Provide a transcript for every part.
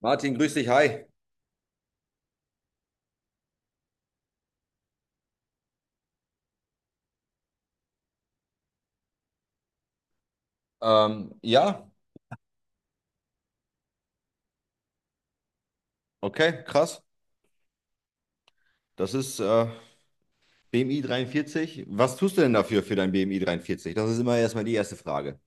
Martin, grüß dich, hi. Ja, okay, krass. Das ist BMI 43. Was tust du denn dafür für dein BMI 43? Das ist immer erstmal die erste Frage.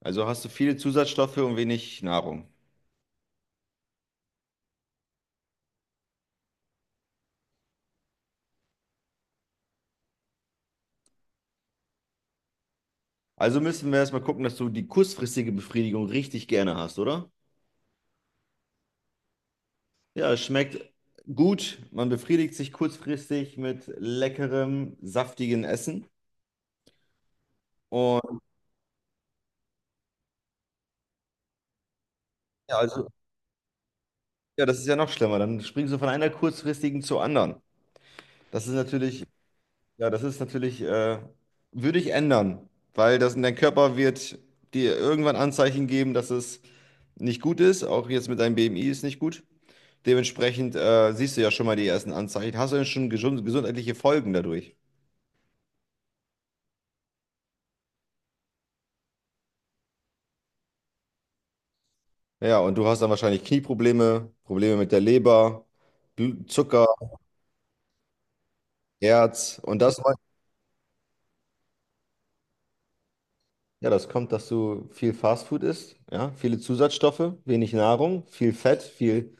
Also hast du viele Zusatzstoffe und wenig Nahrung. Also müssen wir erstmal gucken, dass du die kurzfristige Befriedigung richtig gerne hast, oder? Ja, es schmeckt gut. Man befriedigt sich kurzfristig mit leckerem, saftigen Essen. Und ja, also, ja, das ist ja noch schlimmer. Dann springst du von einer kurzfristigen zur anderen. Das ist natürlich. Ja, das ist natürlich, würde ich ändern, weil das in dein Körper wird dir irgendwann Anzeichen geben, dass es nicht gut ist. Auch jetzt mit deinem BMI ist nicht gut. Dementsprechend siehst du ja schon mal die ersten Anzeichen. Hast du denn schon gesundheitliche Folgen dadurch? Ja, und du hast dann wahrscheinlich Knieprobleme, Probleme mit der Leber, Zucker, Herz und das. Ja, das kommt, dass du viel Fastfood isst, ja, viele Zusatzstoffe, wenig Nahrung, viel Fett, viel,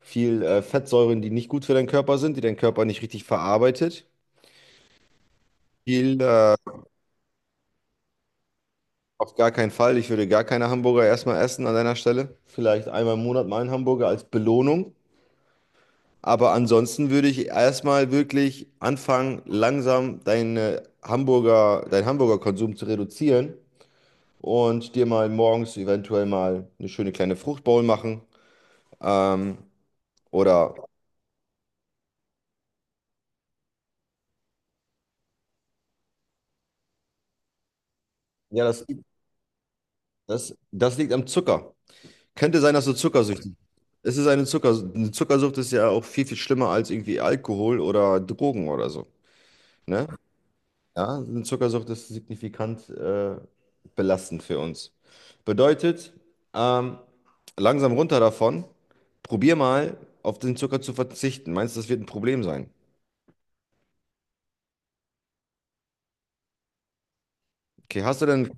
viel äh, Fettsäuren, die nicht gut für deinen Körper sind, die dein Körper nicht richtig verarbeitet. Viel, äh, auf gar keinen Fall. Ich würde gar keine Hamburger erstmal essen an deiner Stelle. Vielleicht einmal im Monat mal einen Hamburger als Belohnung. Aber ansonsten würde ich erstmal wirklich anfangen, langsam deine Hamburger, deinen Hamburger-Konsum zu reduzieren und dir mal morgens eventuell mal eine schöne kleine Fruchtbowl machen. Ähm, Oder Ja, das liegt am Zucker. Könnte sein, dass du Zuckersüchtig bist. Es ist eine Zuckersucht ist ja auch viel, viel schlimmer als irgendwie Alkohol oder Drogen oder so. Ne? Ja, eine Zuckersucht ist signifikant belastend für uns. Bedeutet, ähm, langsam runter davon. Probier mal, auf den Zucker zu verzichten. Meinst du, das wird ein Problem sein? Okay, hast du denn.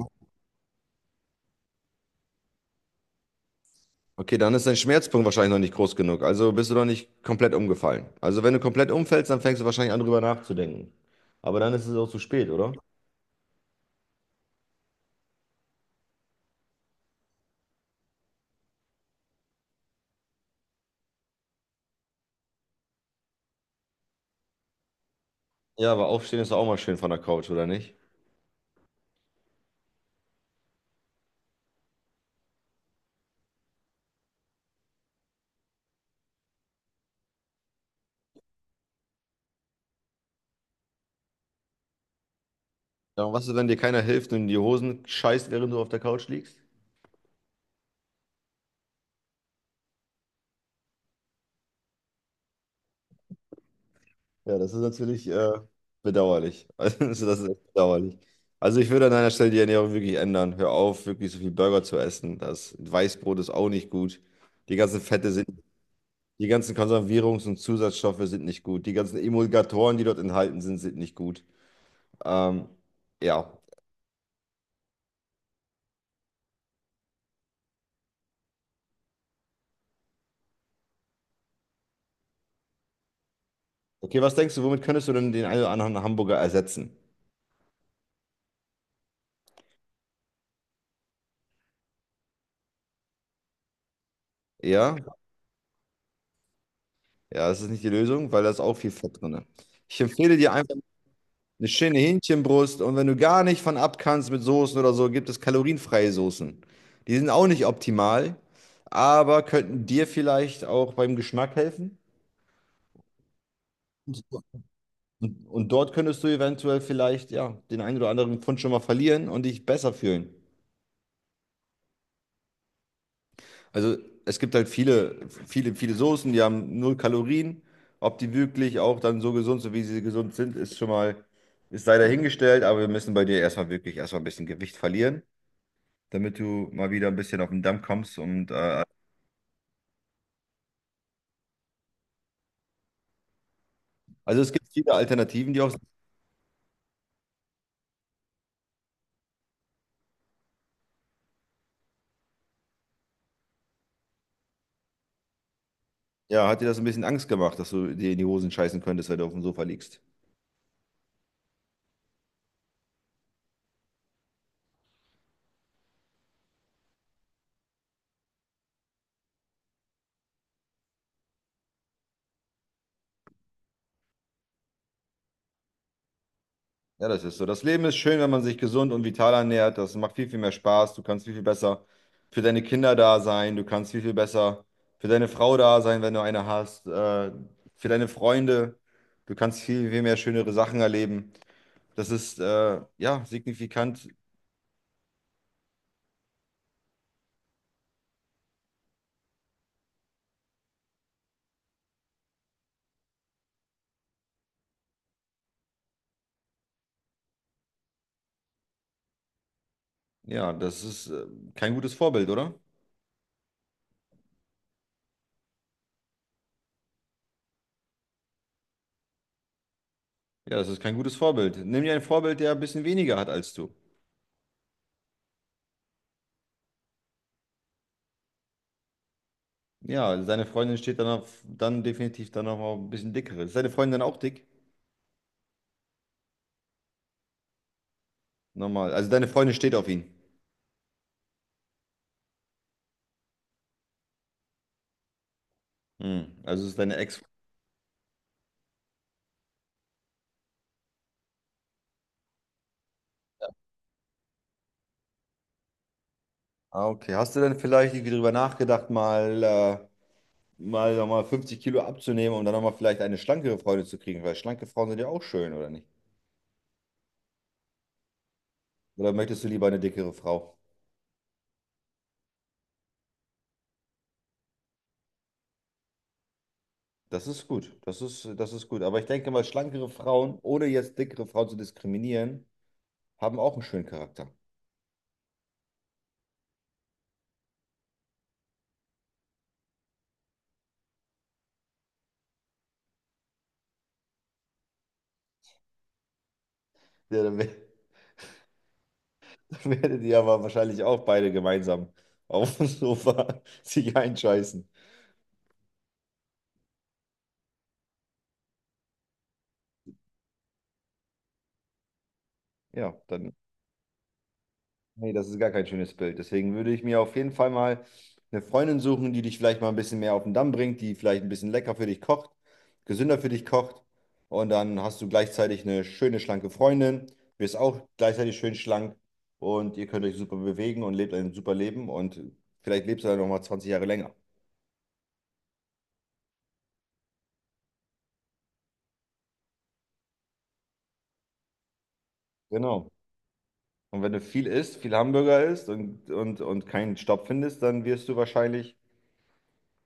Okay, dann ist dein Schmerzpunkt wahrscheinlich noch nicht groß genug. Also bist du noch nicht komplett umgefallen. Also wenn du komplett umfällst, dann fängst du wahrscheinlich an, drüber nachzudenken. Aber dann ist es auch zu spät, oder? Ja, aber aufstehen ist doch auch mal schön von der Couch, oder nicht? Ja, und was ist, wenn dir keiner hilft und in die Hosen scheißt, während du auf der Couch liegst? Ja, das ist natürlich bedauerlich. Also das ist echt bedauerlich. Also ich würde an deiner Stelle die Ernährung wirklich ändern. Hör auf, wirklich so viel Burger zu essen. Das Weißbrot ist auch nicht gut. Die ganzen Fette sind. Die ganzen Konservierungs- und Zusatzstoffe sind nicht gut. Die ganzen Emulgatoren, die dort enthalten sind, sind nicht gut. Ähm, ja. Okay, was denkst du, womit könntest du denn den einen oder anderen Hamburger ersetzen? Ja, ja, das ist nicht die Lösung, weil da ist auch viel Fett drin. Ich empfehle dir einfach eine schöne Hähnchenbrust und wenn du gar nicht von ab kannst mit Soßen oder so, gibt es kalorienfreie Soßen. Die sind auch nicht optimal, aber könnten dir vielleicht auch beim Geschmack helfen. Und dort könntest du eventuell vielleicht, ja, den einen oder anderen Pfund schon mal verlieren und dich besser fühlen. Also es gibt halt viele, viele, viele Soßen, die haben null Kalorien. Ob die wirklich auch dann so gesund sind, wie sie gesund sind, ist sei dahingestellt, aber wir müssen bei dir erstmal wirklich erstmal ein bisschen Gewicht verlieren, damit du mal wieder ein bisschen auf den Damm kommst. Und also es gibt viele Alternativen, die auch, ja, hat dir das ein bisschen Angst gemacht, dass du dir in die Hosen scheißen könntest, wenn du auf dem Sofa liegst? Ja, das ist so. Das Leben ist schön, wenn man sich gesund und vital ernährt. Das macht viel, viel mehr Spaß. Du kannst viel, viel besser für deine Kinder da sein. Du kannst viel, viel besser für deine Frau da sein, wenn du eine hast. Für deine Freunde. Du kannst viel, viel mehr schönere Sachen erleben. Das ist, ja, signifikant. Ja, das ist, kein gutes Vorbild, oder? Ja, das ist kein gutes Vorbild. Nimm dir ein Vorbild, der ein bisschen weniger hat als du. Ja, seine Freundin steht dann, auf, dann definitiv dann noch mal ein bisschen dickere. Ist deine Freundin dann auch dick? Normal. Also deine Freundin steht auf ihn. Hm, also es ist deine Ex. Ah, okay. Hast du denn vielleicht irgendwie drüber nachgedacht, mal nochmal 50 Kilo abzunehmen, um dann nochmal vielleicht eine schlankere Freundin zu kriegen? Weil schlanke Frauen sind ja auch schön, oder nicht? Oder möchtest du lieber eine dickere Frau? Das ist gut. Das ist gut. Aber ich denke mal, schlankere Frauen, ohne jetzt dickere Frauen zu diskriminieren, haben auch einen schönen Charakter. Ja, dann, dann werdet ihr aber wahrscheinlich auch beide gemeinsam auf dem Sofa sich einscheißen. Ja, dann. Nee, das ist gar kein schönes Bild. Deswegen würde ich mir auf jeden Fall mal eine Freundin suchen, die dich vielleicht mal ein bisschen mehr auf den Damm bringt, die vielleicht ein bisschen lecker für dich kocht, gesünder für dich kocht. Und dann hast du gleichzeitig eine schöne, schlanke Freundin, wirst auch gleichzeitig schön schlank und ihr könnt euch super bewegen und lebt ein super Leben und vielleicht lebst du dann nochmal 20 Jahre länger. Genau. Und wenn du viel isst, viel Hamburger isst und keinen Stopp findest, dann wirst du wahrscheinlich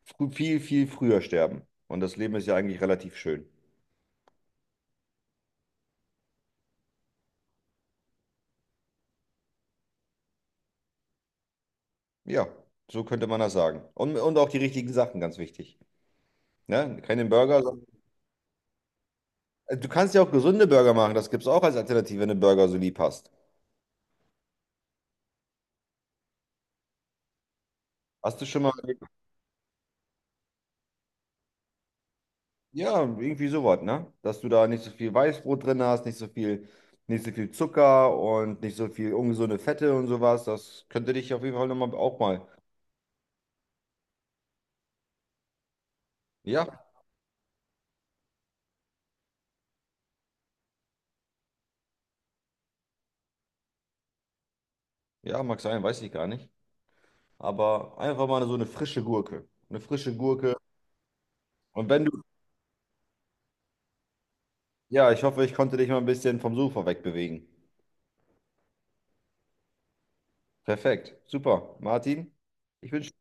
viel, viel früher sterben. Und das Leben ist ja eigentlich relativ schön. Ja, so könnte man das sagen. Und auch die richtigen Sachen, ganz wichtig. Ne? Keine Burger, sondern, du kannst ja auch gesunde Burger machen. Das gibt es auch als Alternative, wenn du Burger so lieb hast. Hast du schon mal, ja, irgendwie sowas, ne? Dass du da nicht so viel Weißbrot drin hast, nicht so viel, nicht so viel Zucker und nicht so viel ungesunde Fette und sowas. Das könnte dich auf jeden Fall noch mal auch mal. Ja, ja, mag sein, weiß ich gar nicht. Aber einfach mal so eine frische Gurke. Eine frische Gurke. Und wenn du, ja, ich hoffe, ich konnte dich mal ein bisschen vom Sofa wegbewegen. Perfekt, super. Martin, ich wünsche